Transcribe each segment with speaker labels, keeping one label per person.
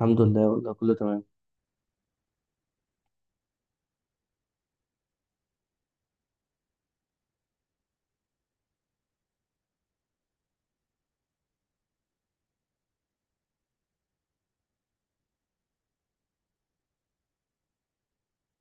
Speaker 1: الحمد لله والله كله تمام.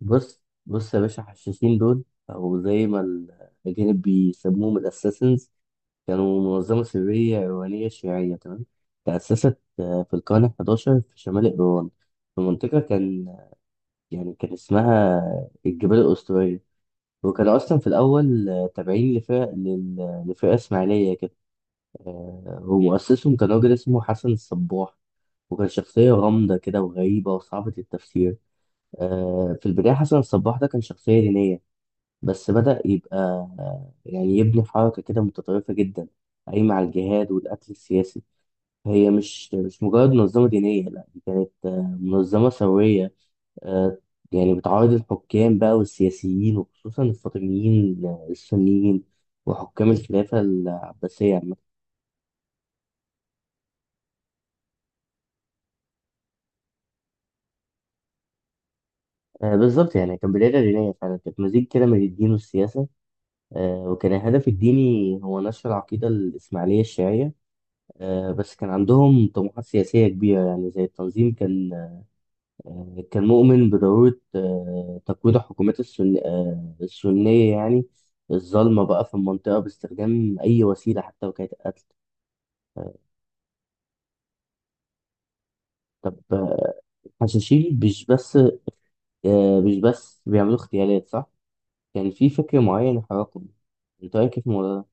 Speaker 1: بص بص يا باشا، حشاشين دول او زي ما الاجانب بيسموهم الاساسنز. كانوا منظمه سريه ايرانيه شيعيه، تمام. تاسست في القرن 11 في شمال ايران، في منطقه كان يعني كان اسمها الجبال الاسطوريه. وكانوا اصلا في الاول تابعين لفرقه اسماعيليه كده. ومؤسسهم كان راجل اسمه حسن الصباح، وكان شخصيه غامضه كده وغريبه وصعبه التفسير. في البداية حسن الصباح ده كان شخصية دينية، بس بدأ يبقى، يعني يبني حركة كده متطرفة جدا، قايمة على الجهاد والقتل السياسي. هي مش مجرد منظمة دينية، لا، ده منظمة ثورية. آه، يعني بتعارض الحكام بقى والسياسيين، وخصوصا الفاطميين السنيين وحكام الخلافة العباسية عامة. بالظبط، يعني كان بداية دينية فعلا، كانت مزيج كده من الدين والسياسة. وكان الهدف الديني هو نشر العقيدة الإسماعيلية الشيعية. بس كان عندهم طموحات سياسية كبيرة، يعني زي التنظيم كان مؤمن بضرورة تقويض الحكومات السنية يعني الظالمة بقى في المنطقة، باستخدام أي وسيلة حتى لو كانت قتل. فحشاشين مش بس بيعملوا اغتيالات، صح؟ كان في فكر معين حركهم. أنت رأيك إيه في الموضوع ده؟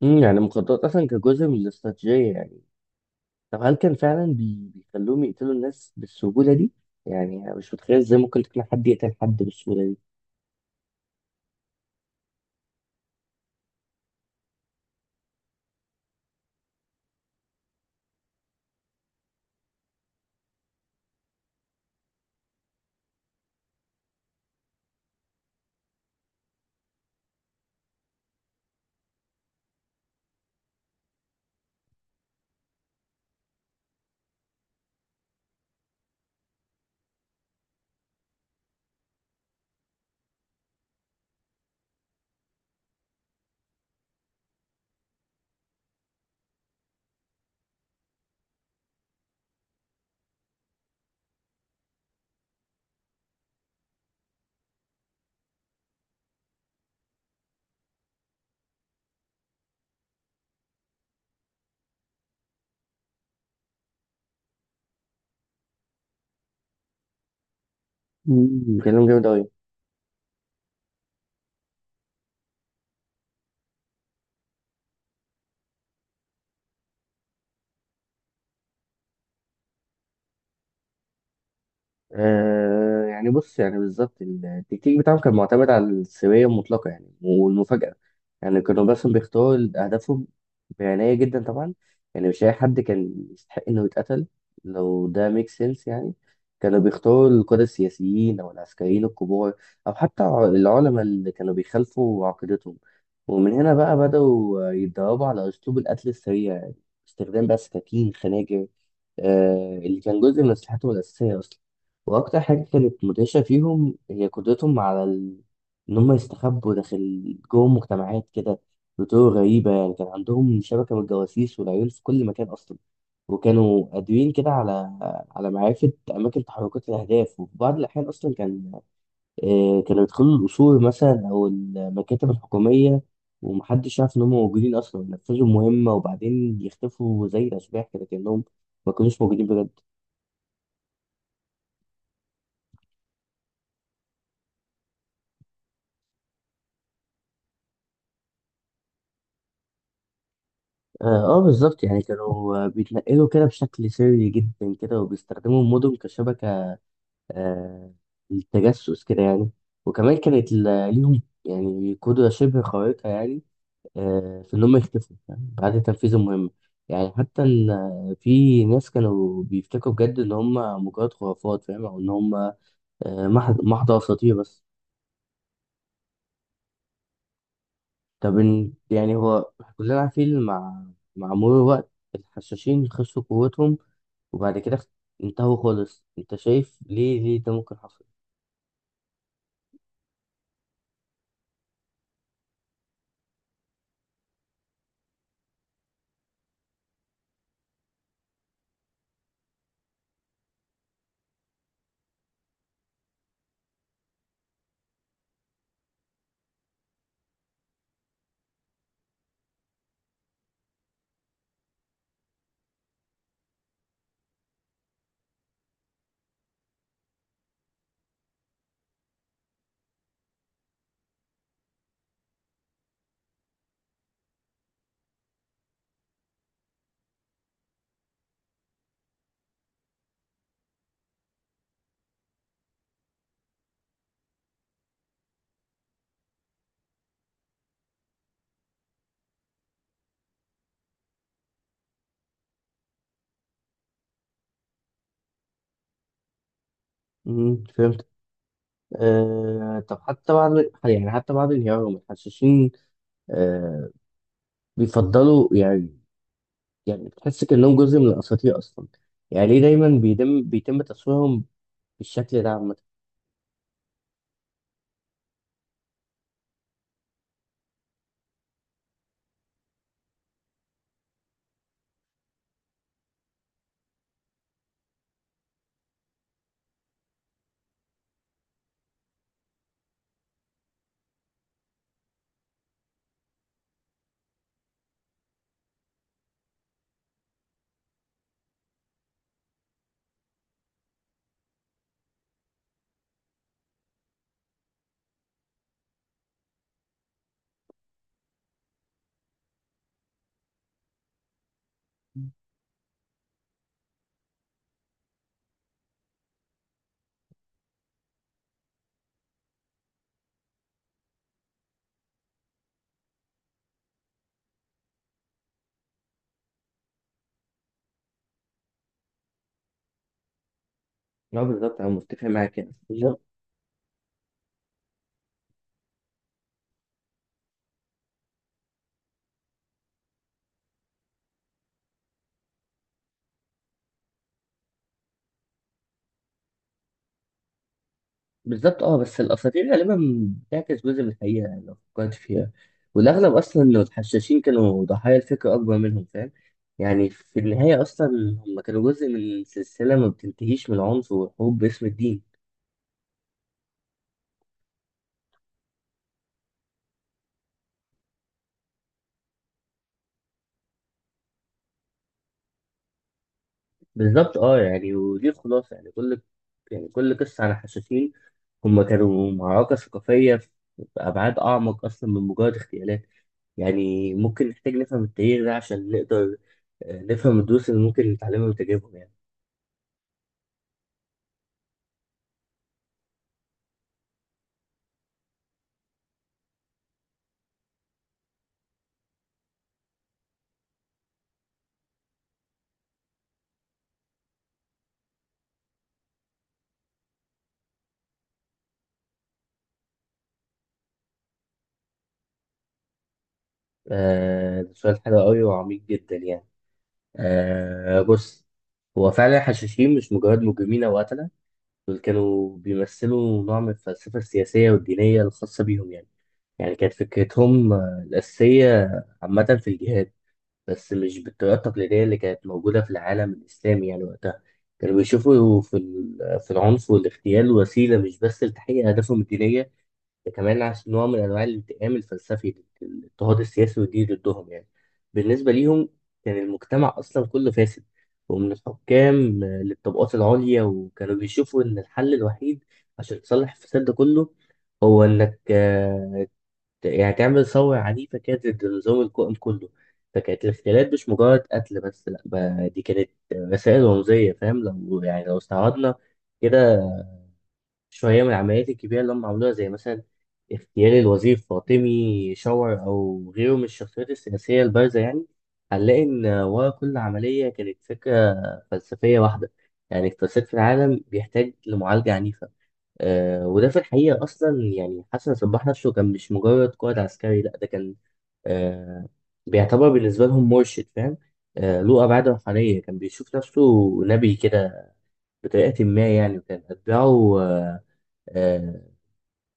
Speaker 1: يعني المخدرات أصلا كجزء من الاستراتيجية يعني. طب هل كان فعلا بيخلوهم يقتلوا الناس بالسهولة دي؟ يعني أنا مش متخيل ازاي ممكن تقنع حد يقتل حد بالسهولة دي. مم. كلام جامد أوي. يعني بص، يعني بالظبط التكتيك بتاعهم كان معتمد على السرية المطلقة يعني والمفاجأة. يعني كانوا بس بيختاروا أهدافهم بعناية جدا طبعا. يعني مش أي حد كان يستحق إنه يتقتل، لو ده ميك سنس يعني. كانوا بيختاروا القادة السياسيين أو العسكريين الكبار، أو حتى العلماء اللي كانوا بيخالفوا عقيدتهم. ومن هنا بقى بدأوا يتدربوا على أسلوب القتل السريع، يعني استخدام بقى سكاكين خناجر، اللي كان جزء من أسلحتهم الأساسية أصلا. وأكتر حاجة كانت مدهشة فيهم هي قدرتهم على إن هم يستخبوا داخل جوه مجتمعات كده بطرق غريبة. يعني كان عندهم شبكة من الجواسيس والعيون في كل مكان أصلا، وكانوا قادرين كده على على معرفة أماكن تحركات الأهداف. وفي بعض الأحيان أصلا كانوا يدخلوا القصور مثلا أو المكاتب الحكومية، ومحدش يعرف إن هم موجودين أصلا، ينفذوا مهمة وبعدين يختفوا زي الأشباح كده، كأنهم ما كانوش موجودين بجد. اه، بالظبط. يعني كانوا بيتنقلوا كده بشكل سري جدا كده، وبيستخدموا المدن كشبكة آه، للتجسس كده يعني. وكمان كانت ليهم يعني قدرة شبه خارقة يعني، في إنهم يختفوا يعني بعد تنفيذ المهمة. يعني حتى إن في ناس كانوا بيفتكروا بجد إن هم مجرد خرافات، فاهم، أو إن هم محض محض أساطير بس. طب يعني هو كلنا عارفين، مع مرور الوقت الحشاشين خسروا قوتهم وبعد كده انتهوا خالص. انت شايف ليه ده ممكن حصل؟ فهمت. طب حتى بعد، يعني حتى بعد انهيارهم، الحشاشين آه بيفضلوا يعني، يعني بتحس كأنهم جزء من الأساطير أصلا. يعني ليه دايما بيتم تصويرهم بالشكل ده عامة؟ لا بالظبط، أنا متفق معاك يعني. بالظبط، اه. بس الاساطير غالبا بتعكس جزء من الحقيقه، يعني لو فكرت فيها، والاغلب اصلا انه الحشاشين كانوا ضحايا الفكر اكبر منهم، فاهم. يعني في النهايه اصلا هم كانوا جزء من سلسله ما بتنتهيش من العنف والحروب باسم الدين. بالظبط، اه، يعني ودي الخلاصه يعني. كل يعني كل قصه عن الحشاشين، هم كانوا معركه ثقافيه في ابعاد اعمق اصلا من مجرد اغتيالات. يعني ممكن نحتاج نفهم التاريخ ده عشان نقدر نفهم الدروس اللي ممكن نتعلمها من تجاربهم يعني. ده سؤال حلو قوي وعميق جدا يعني. بص، هو فعلا الحشاشين مش مجرد مجرمين أو قتلة. دول كانوا بيمثلوا نوع من الفلسفة السياسية والدينية الخاصة بيهم يعني. يعني كانت فكرتهم الأساسية عامة في الجهاد، بس مش بالطريقة التقليدية اللي كانت موجودة في العالم الإسلامي يعني وقتها. كانوا بيشوفوا في في العنف والاغتيال وسيلة، مش بس لتحقيق أهدافهم الدينية، ده كمان عشان نوع من انواع الانتقام الفلسفي للاضطهاد السياسي والديني ضدهم يعني. بالنسبه ليهم كان المجتمع اصلا كله فاسد، ومن الحكام للطبقات العليا، وكانوا بيشوفوا ان الحل الوحيد عشان تصلح الفساد ده كله هو انك يعني تعمل ثوره عنيفه كده ضد النظام القائم كله. فكانت الاغتيالات مش مجرد قتل بس، لا بقى، دي كانت رسائل رمزيه، فاهم. لو يعني لو استعرضنا كده شوية من العمليات الكبيرة اللي هم عملوها، زي مثلا اغتيال الوزير فاطمي شاور أو غيره من الشخصيات السياسية البارزة يعني، هنلاقي إن ورا كل عملية كانت فكرة فلسفية واحدة. يعني الفساد في العالم بيحتاج لمعالجة عنيفة. وده في الحقيقة أصلا يعني، حسن صباح نفسه كان مش مجرد قائد عسكري، لأ، ده كان آه بيعتبر بالنسبة لهم مرشد، فاهم، له أبعاد روحانية. كان بيشوف نفسه نبي كده بطريقة ما يعني، وكان أتباعه آه،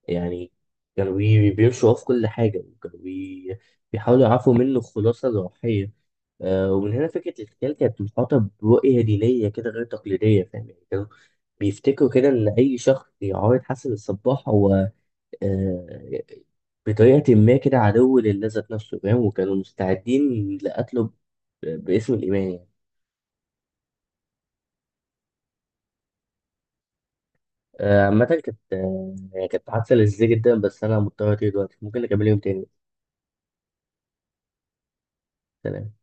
Speaker 1: يعني كانوا بيمشوا وراه في كل حاجة، وكانوا بيحاولوا يعرفوا منه الخلاصة الروحية. ومن هنا فكرة الخيال كانت محاطة برؤية دينية كده غير تقليدية، فاهم. يعني كانوا بيفتكروا كده إن أي شخص يعارض حسن الصباح هو آه، بطريقة ما كده عدو لله ذات نفسه، فاهم، وكانوا مستعدين لقتله باسم الإيمان يعني. عامة كانت يعني كانت حادثة لذيذة جدا، بس أنا مضطر أطير دلوقتي. ممكن نكمل يوم تاني. سلام.